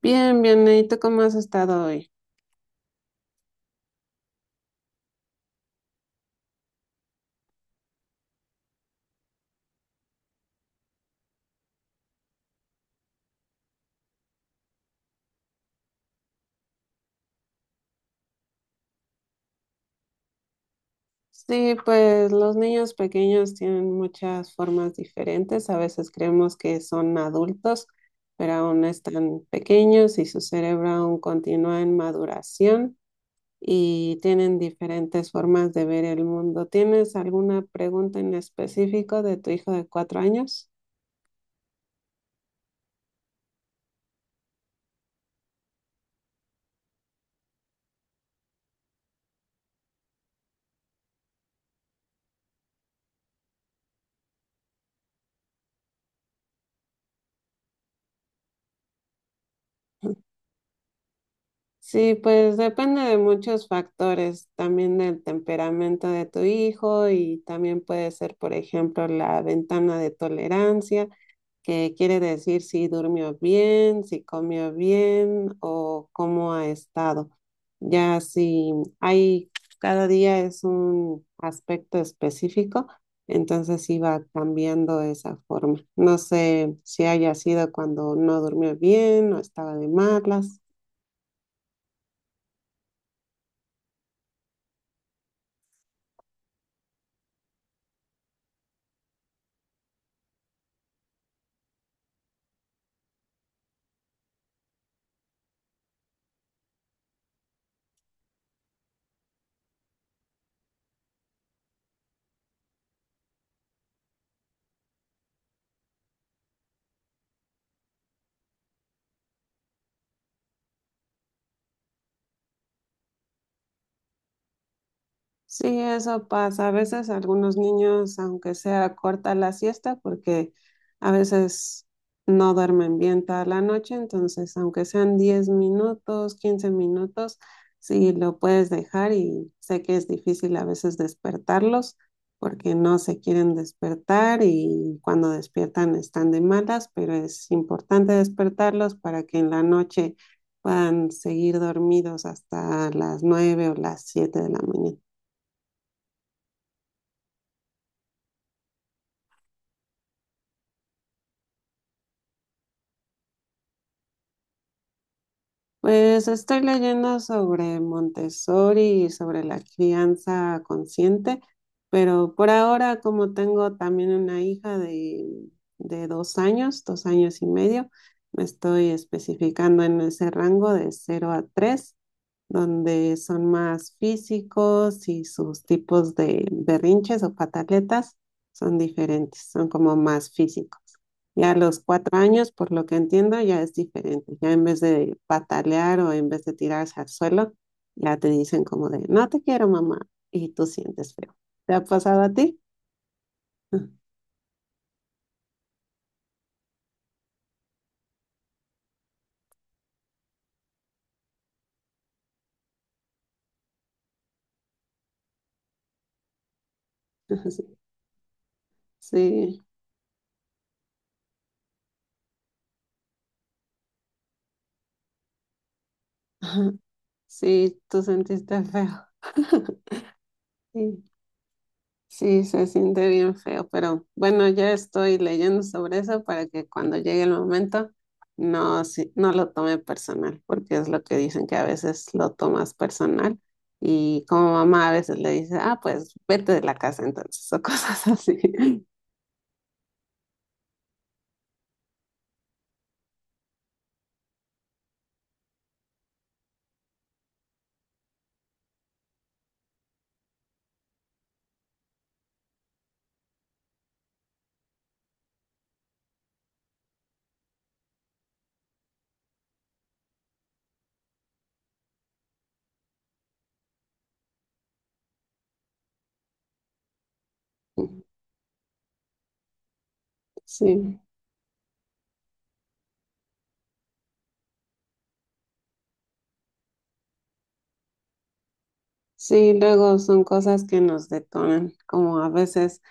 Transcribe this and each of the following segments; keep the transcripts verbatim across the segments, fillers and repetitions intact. Bien, bien, ¿y tú cómo has estado hoy? Sí, pues los niños pequeños tienen muchas formas diferentes. A veces creemos que son adultos, pero aún están pequeños y su cerebro aún continúa en maduración y tienen diferentes formas de ver el mundo. ¿Tienes alguna pregunta en específico de tu hijo de cuatro años? Sí, pues depende de muchos factores, también del temperamento de tu hijo y también puede ser, por ejemplo, la ventana de tolerancia, que quiere decir si durmió bien, si comió bien o cómo ha estado. Ya si hay, cada día es un aspecto específico, entonces iba cambiando esa forma. No sé si haya sido cuando no durmió bien o estaba de malas. Sí, eso pasa. A veces algunos niños, aunque sea corta la siesta, porque a veces no duermen bien toda la noche, entonces aunque sean diez minutos, quince minutos, sí lo puedes dejar, y sé que es difícil a veces despertarlos porque no se quieren despertar y cuando despiertan están de malas, pero es importante despertarlos para que en la noche puedan seguir dormidos hasta las nueve o las siete de la mañana. Pues estoy leyendo sobre Montessori y sobre la crianza consciente, pero por ahora, como tengo también una hija de, de dos años, dos años y medio, me estoy especificando en ese rango de cero a tres, donde son más físicos y sus tipos de berrinches o pataletas son diferentes, son como más físicos. Ya a los cuatro años, por lo que entiendo, ya es diferente. Ya en vez de patalear o en vez de tirarse al suelo, ya te dicen como de, no te quiero, mamá, y tú sientes feo. ¿Te ha pasado a ti? Sí, sí, tú sentiste feo. Sí. Sí, se siente bien feo, pero bueno, ya estoy leyendo sobre eso para que cuando llegue el momento no, si- no lo tome personal, porque es lo que dicen que a veces lo tomas personal y como mamá a veces le dice, ah, pues vete de la casa entonces o cosas así. Sí, sí, luego son cosas que nos detonan, como a veces.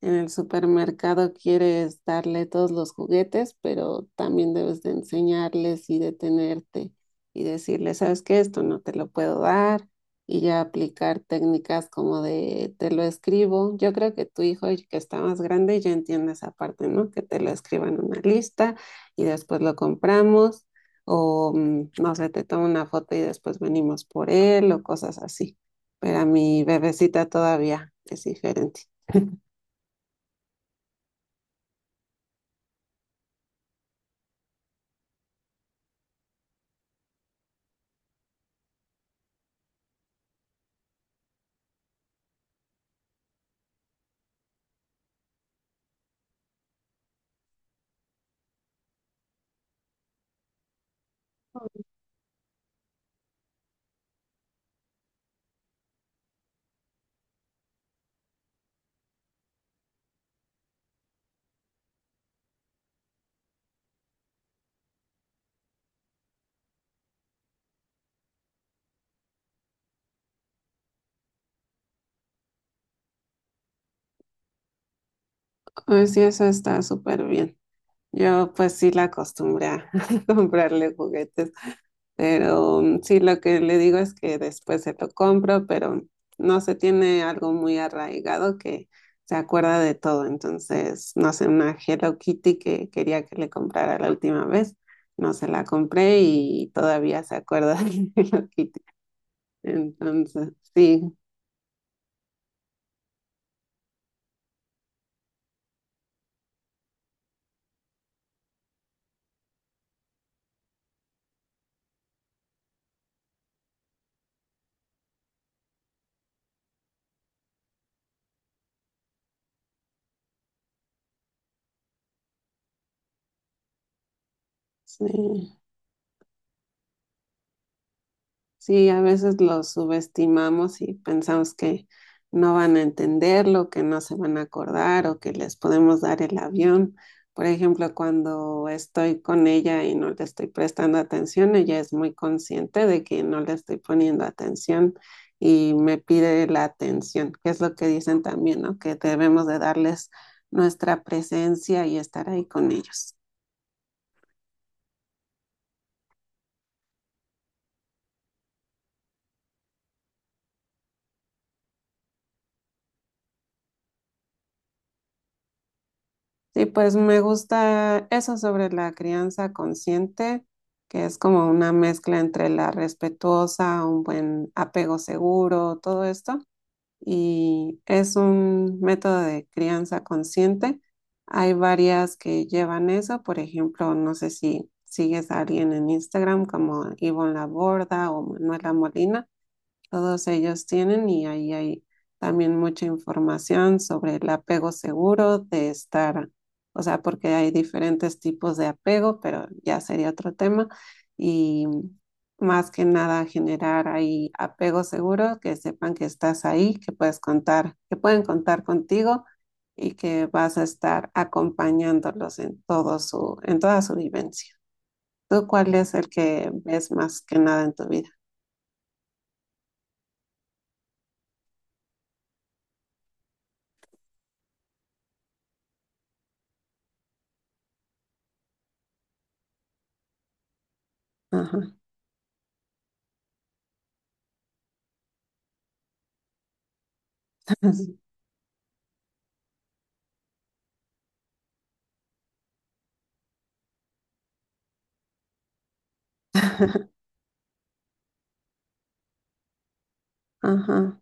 En el supermercado quieres darle todos los juguetes, pero también debes de enseñarles y detenerte y decirles, ¿sabes qué? Esto no te lo puedo dar, y ya aplicar técnicas como de te lo escribo. Yo creo que tu hijo que está más grande ya entiende esa parte, ¿no? Que te lo escriban en una lista y después lo compramos, o mm, no sé, te tomo una foto y después venimos por él o cosas así. Pero a mi bebecita todavía es diferente. Pues sí, eso está súper bien. Yo pues sí la acostumbré a comprarle juguetes, pero mm, sí, lo que le digo es que después se lo compro, pero no se tiene algo muy arraigado, que se acuerda de todo. Entonces, no sé, una Hello Kitty que quería que le comprara la última vez, no se la compré y todavía se acuerda de Hello Kitty. Entonces, sí, sí. Sí, a veces los subestimamos y pensamos que no van a entenderlo, que no se van a acordar o que les podemos dar el avión. Por ejemplo, cuando estoy con ella y no le estoy prestando atención, ella es muy consciente de que no le estoy poniendo atención y me pide la atención, que es lo que dicen también, ¿no? Que debemos de darles nuestra presencia y estar ahí con ellos. Sí, pues me gusta eso sobre la crianza consciente, que es como una mezcla entre la respetuosa, un buen apego seguro, todo esto. Y es un método de crianza consciente. Hay varias que llevan eso, por ejemplo, no sé si sigues a alguien en Instagram como Ivonne Laborda o Manuela Molina. Todos ellos tienen, y ahí hay también mucha información sobre el apego seguro de estar, o sea, porque hay diferentes tipos de apego, pero ya sería otro tema, y más que nada generar ahí apego seguro, que sepan que estás ahí, que puedes contar, que pueden contar contigo y que vas a estar acompañándolos en todo su, en toda su vivencia. ¿Tú cuál es el que ves más que nada en tu vida? Ajá. Ajá.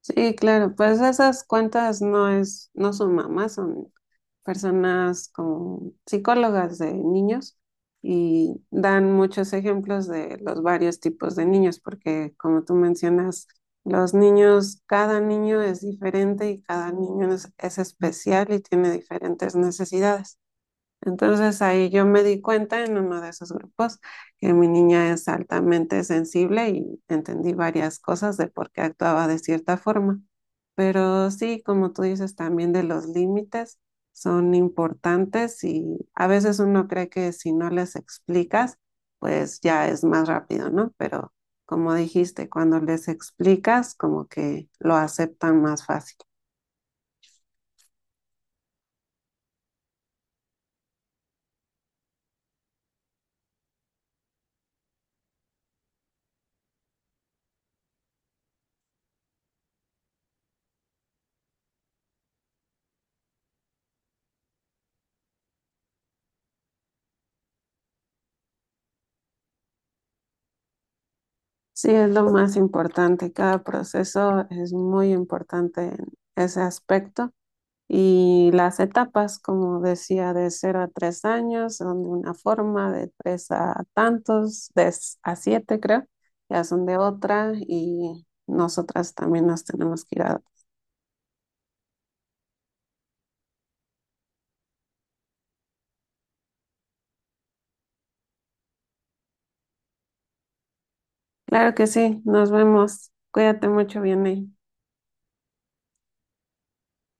Sí, claro, pues esas cuentas no es, no son mamás, son personas como psicólogas de niños y dan muchos ejemplos de los varios tipos de niños, porque como tú mencionas, los niños, cada niño es diferente y cada niño es, es especial y tiene diferentes necesidades. Entonces ahí yo me di cuenta en uno de esos grupos que mi niña es altamente sensible y entendí varias cosas de por qué actuaba de cierta forma. Pero sí, como tú dices, también de los límites son importantes, y a veces uno cree que si no les explicas, pues ya es más rápido, ¿no? Pero como dijiste, cuando les explicas, como que lo aceptan más fácil. Sí, es lo más importante. Cada proceso es muy importante en ese aspecto. Y las etapas, como decía, de cero a tres años, son de una forma, de tres a tantos, de s- a siete creo, ya son de otra y nosotras también nos tenemos que ir a... Claro que sí, nos vemos. Cuídate mucho, Vianney.